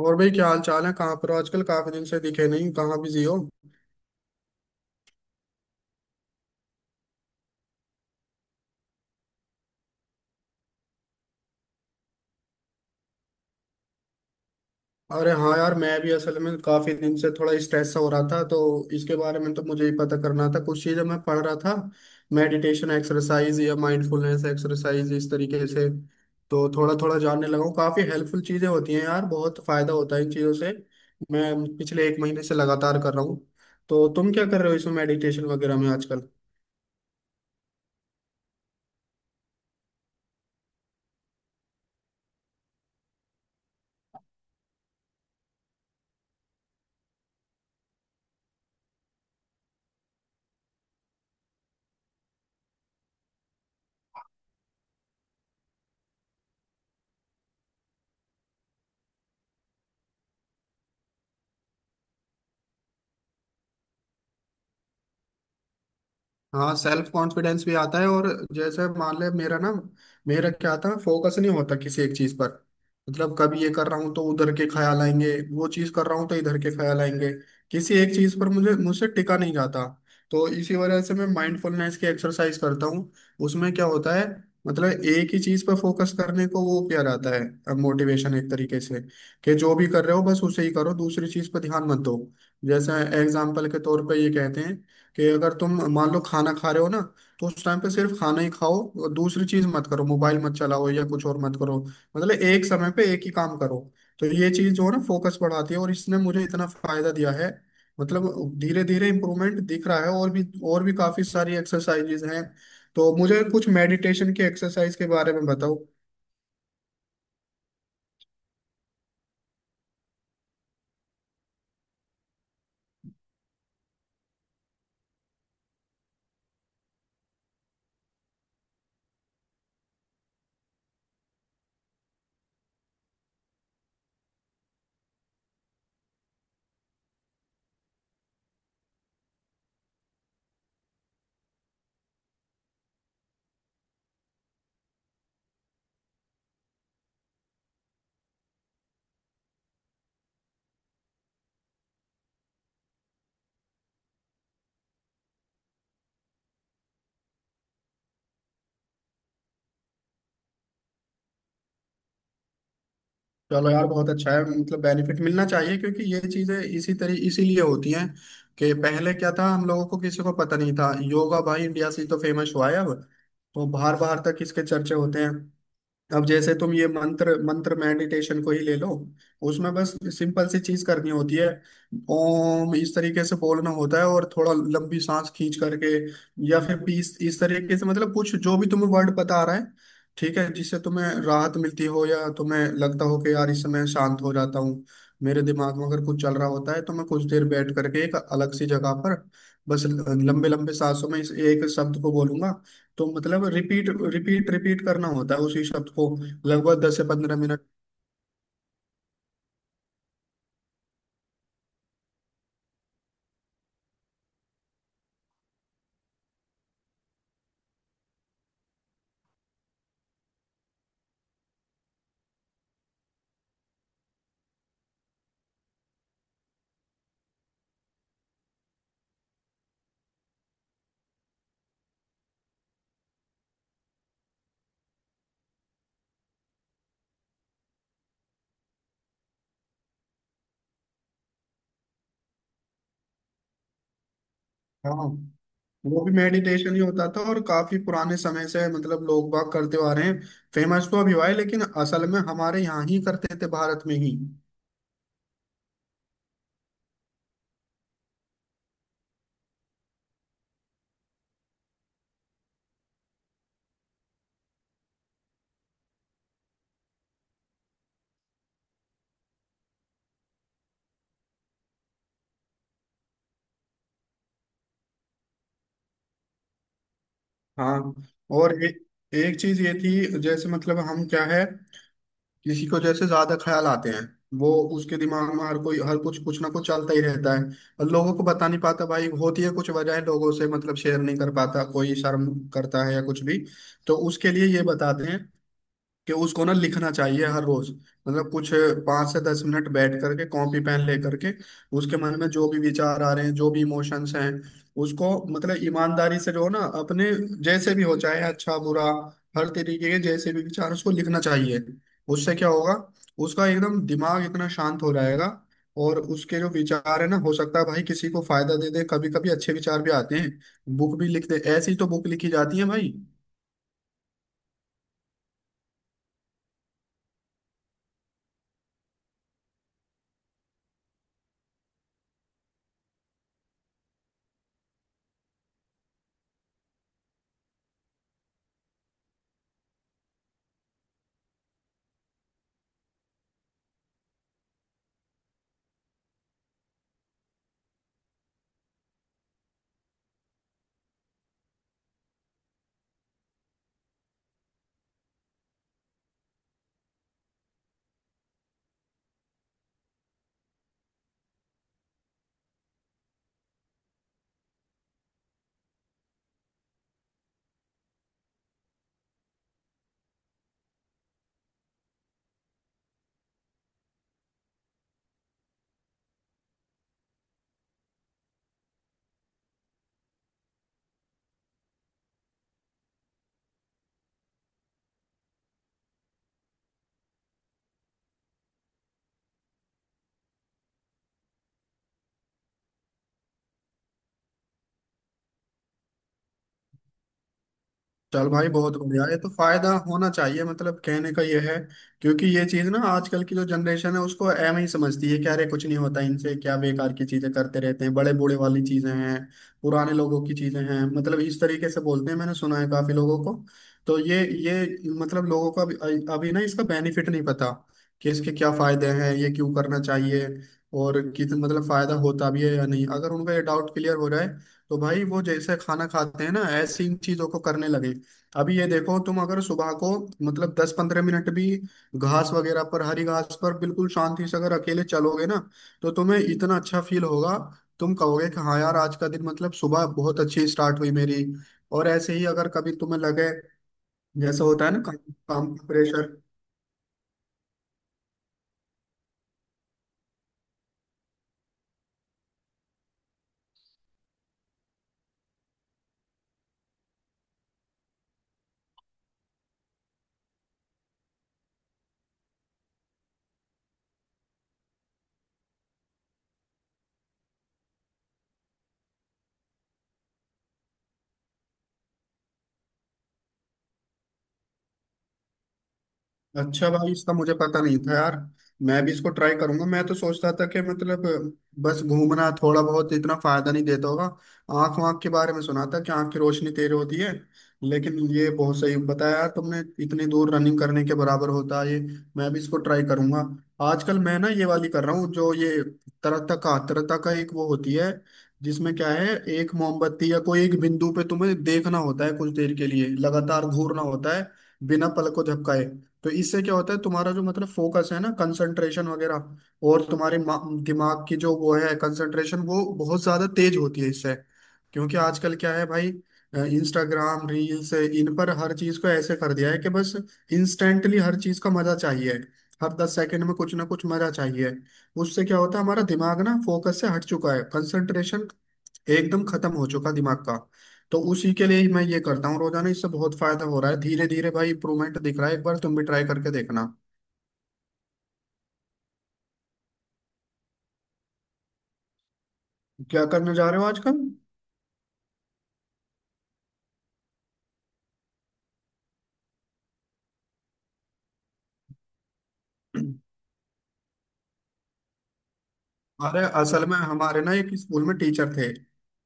और भाई क्या हाल चाल है? कहाँ पर हो आजकल? काफी दिन से दिखे नहीं, कहाँ बिजी हो? अरे हाँ यार, मैं भी असल में काफी दिन से थोड़ा स्ट्रेस हो रहा था, तो इसके बारे में तो मुझे ही पता करना था। कुछ चीजें मैं पढ़ रहा था, मेडिटेशन एक्सरसाइज या माइंडफुलनेस एक्सरसाइज, इस तरीके से। तो थोड़ा थोड़ा जानने लगा हूँ। काफी हेल्पफुल चीजें होती हैं यार, बहुत फायदा होता है इन चीजों से। मैं पिछले एक महीने से लगातार कर रहा हूँ। तो तुम क्या कर रहे हो इसमें मेडिटेशन वगैरह में आजकल? हाँ, सेल्फ कॉन्फिडेंस भी आता है। और जैसे मान ले, मेरा ना, मेरा क्या था, फोकस नहीं होता किसी एक चीज पर। मतलब कभी ये कर रहा हूँ तो उधर के ख्याल आएंगे, वो चीज कर रहा हूँ तो इधर के ख्याल आएंगे। किसी एक चीज पर मुझे मुझसे टिका नहीं जाता। तो इसी वजह से मैं माइंडफुलनेस की एक्सरसाइज करता हूँ। उसमें क्या होता है, मतलब एक ही चीज पर फोकस करने को वो किया जाता है, मोटिवेशन एक तरीके से कि जो भी कर रहे हो बस उसे ही करो, दूसरी चीज पर ध्यान मत दो। जैसे एग्जाम्पल के तौर पर ये कहते हैं कि अगर तुम मान लो खाना खा रहे हो ना, तो उस टाइम पे सिर्फ खाना ही खाओ और दूसरी चीज मत करो। मोबाइल मत चलाओ या कुछ और मत करो, मतलब एक समय पे एक ही काम करो। तो ये चीज जो है ना, फोकस बढ़ाती है, और इसने मुझे इतना फायदा दिया है। मतलब धीरे धीरे इम्प्रूवमेंट दिख रहा है, और भी, और भी काफी सारी एक्सरसाइजेज हैं। तो मुझे कुछ मेडिटेशन की एक्सरसाइज के बारे में बताओ। चलो यार, बहुत अच्छा है। मतलब बेनिफिट मिलना चाहिए, क्योंकि ये चीजें इसी तरह इसीलिए होती हैं। कि पहले क्या था, हम लोगों को किसी को पता नहीं था। योगा भाई इंडिया से ही तो फेमस हुआ है। अब तो बाहर बाहर तक इसके चर्चे होते हैं। अब जैसे तुम ये मंत्र मंत्र मेडिटेशन को ही ले लो। उसमें बस सिंपल सी चीज करनी होती है। ओम इस तरीके से बोलना होता है और थोड़ा लंबी सांस खींच करके, या फिर बीस इस तरीके से, मतलब कुछ जो भी तुम्हें वर्ड बता रहा है, ठीक है, जिससे तुम्हें राहत मिलती हो या तुम्हें लगता हो कि यार इस समय शांत हो जाता हूँ। मेरे दिमाग में अगर कुछ चल रहा होता है, तो मैं कुछ देर बैठ करके एक अलग सी जगह पर बस लंबे लंबे सांसों में इस एक शब्द को बोलूंगा। तो मतलब रिपीट रिपीट रिपीट करना होता है उसी शब्द को, लगभग 10 से 15 मिनट। हाँ, वो भी मेडिटेशन ही होता था, और काफी पुराने समय से मतलब लोग बाग करते आ रहे हैं। फेमस तो अभी हुआ है, लेकिन असल में हमारे यहाँ ही करते थे, भारत में ही। हाँ। और एक चीज ये थी, जैसे मतलब हम क्या है, किसी को जैसे ज्यादा ख्याल आते हैं, वो, उसके दिमाग में हर कोई हर कुछ कुछ ना कुछ चलता ही रहता है, और लोगों को बता नहीं पाता भाई। होती है कुछ वजह, लोगों से मतलब शेयर नहीं कर पाता, कोई शर्म करता है या कुछ भी। तो उसके लिए ये बताते हैं कि उसको ना लिखना चाहिए हर रोज। मतलब कुछ 5 से 10 मिनट बैठ करके, कॉपी पेन ले करके, उसके मन में जो भी विचार आ रहे हैं, जो भी इमोशंस हैं, उसको मतलब ईमानदारी से जो है ना अपने, जैसे भी हो चाहे अच्छा बुरा, हर तरीके के जैसे भी विचार, उसको लिखना चाहिए। उससे क्या होगा, उसका एकदम दिमाग इतना शांत हो जाएगा। और उसके जो विचार है ना, हो सकता है भाई किसी को फायदा दे दे। कभी कभी अच्छे विचार भी आते हैं, बुक भी लिख दे, ऐसी तो बुक लिखी जाती है भाई। चल भाई, बहुत बढ़िया। ये तो फायदा होना चाहिए, मतलब कहने का ये है। क्योंकि ये चीज ना, आजकल की जो जनरेशन है उसको एम ही समझती है क्या। अरे कुछ नहीं होता इनसे, क्या बेकार की चीजें करते रहते हैं, बड़े बूढ़े वाली चीजें हैं, पुराने लोगों की चीजें हैं, मतलब इस तरीके से बोलते हैं। मैंने सुना है काफी लोगों को। तो ये मतलब लोगों को अभी ना इसका बेनिफिट नहीं पता, कि इसके क्या फायदे हैं, ये क्यों करना चाहिए, और कितना मतलब फायदा होता भी है या नहीं। अगर उनका ये डाउट क्लियर हो जाए, तो भाई वो जैसे खाना खाते हैं ना, ऐसी इन चीजों को करने लगे। अभी ये देखो, तुम अगर सुबह को मतलब 10 15 मिनट भी घास वगैरह पर, हरी घास पर बिल्कुल शांति से अगर अकेले चलोगे ना, तो तुम्हें इतना अच्छा फील होगा। तुम कहोगे कि हाँ यार, आज का दिन मतलब सुबह बहुत अच्छी स्टार्ट हुई मेरी। और ऐसे ही अगर कभी तुम्हें लगे, जैसे होता है ना, काम, काम का प्रेशर। अच्छा भाई, इसका मुझे पता नहीं था यार। मैं भी इसको ट्राई करूंगा। मैं तो सोचता था कि मतलब बस घूमना थोड़ा बहुत, इतना फायदा नहीं देता होगा। आंख वाँख के बारे में सुना था कि आंख की रोशनी तेज होती है, लेकिन ये बहुत सही बताया यार तुमने, इतनी दूर रनिंग करने के बराबर होता है ये। मैं भी इसको ट्राई करूंगा। आजकल मैं ना ये वाली कर रहा हूँ, जो ये तरता का एक वो होती है, जिसमें क्या है, एक मोमबत्ती या कोई एक बिंदु पे तुम्हें देखना होता है कुछ देर के लिए, लगातार घूरना होता है बिना पलक को झपकाए। तो इससे क्या होता है, तुम्हारा जो मतलब फोकस है ना, कंसंट्रेशन वगैरह, और तुम्हारे दिमाग की जो वो है कंसंट्रेशन, वो बहुत ज्यादा तेज होती है इससे। क्योंकि आजकल क्या है भाई, इंस्टाग्राम रील्स इन पर हर चीज को ऐसे कर दिया है कि बस इंस्टेंटली हर चीज का मजा चाहिए, हर 10 सेकंड में कुछ ना कुछ मजा चाहिए। उससे क्या होता है, हमारा दिमाग ना फोकस से हट चुका है, कंसंट्रेशन एकदम खत्म हो चुका दिमाग का। तो उसी के लिए ही मैं ये करता हूँ रोजाना। इससे बहुत फायदा हो रहा है, धीरे धीरे भाई इंप्रूवमेंट दिख रहा है, एक बार तुम भी ट्राई करके देखना। क्या करने जा रहे हो आजकल? अरे असल में, हमारे ना एक स्कूल में टीचर थे,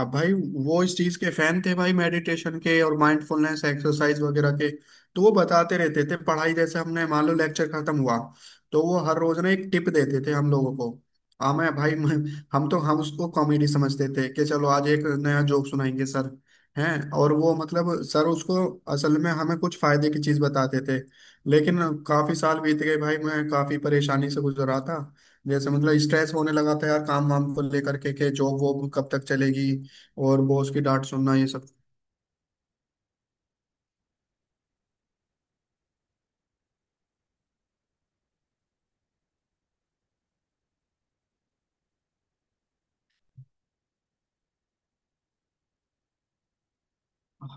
अब भाई, वो इस चीज के फैन थे भाई, मेडिटेशन के और माइंडफुलनेस एक्सरसाइज वगैरह के। तो वो बताते रहते थे पढ़ाई, जैसे हमने मान लो लेक्चर खत्म हुआ, तो वो हर रोज ना एक टिप देते थे हम लोगों को। हाँ मैं भाई हम उसको कॉमेडी समझते थे, कि चलो आज एक नया जोक सुनाएंगे सर हैं। और वो मतलब सर उसको असल में हमें कुछ फायदे की चीज बताते थे। लेकिन काफी साल बीत गए भाई, मैं काफी परेशानी से गुजर रहा था। जैसे मतलब स्ट्रेस होने लगा था यार, काम वाम को लेकर के जॉब वॉब कब तक चलेगी और बॉस की डांट सुनना, ये सब।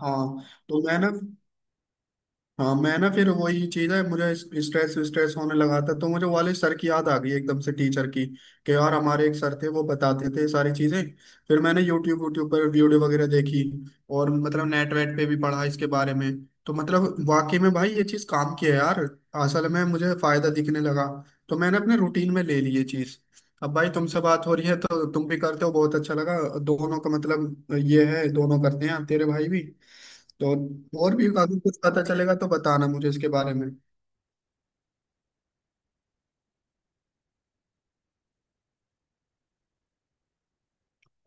हाँ, तो मैं ना, हाँ मैं ना, फिर वही चीज है, मुझे स्ट्रेस स्ट्रेस होने लगा था, तो मुझे वाले सर की याद आ गई एकदम से, टीचर की। कि यार हमारे एक सर थे, वो बताते थे सारी चीजें। फिर मैंने यूट्यूब यूट्यूब पर वीडियो वगैरह देखी, और मतलब नेट वेट पे भी पढ़ा इसके बारे में। तो मतलब वाकई में भाई, ये चीज काम की है यार। असल में मुझे फायदा दिखने लगा, तो मैंने अपने रूटीन में ले ली ये चीज। अब भाई तुमसे बात हो रही है तो तुम भी करते हो, बहुत अच्छा लगा। दोनों का मतलब ये है, दोनों करते हैं तेरे भाई भी। तो और भी काफी कुछ पता चलेगा तो बताना मुझे इसके बारे में।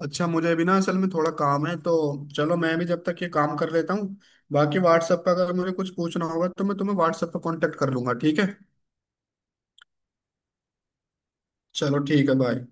अच्छा, मुझे भी ना असल में थोड़ा काम है, तो चलो मैं भी जब तक ये काम कर लेता हूँ। बाकी व्हाट्सएप पर अगर मुझे कुछ पूछना होगा, तो मैं तुम्हें व्हाट्सएप पर कांटेक्ट कर लूंगा, ठीक है? चलो ठीक है, बाय।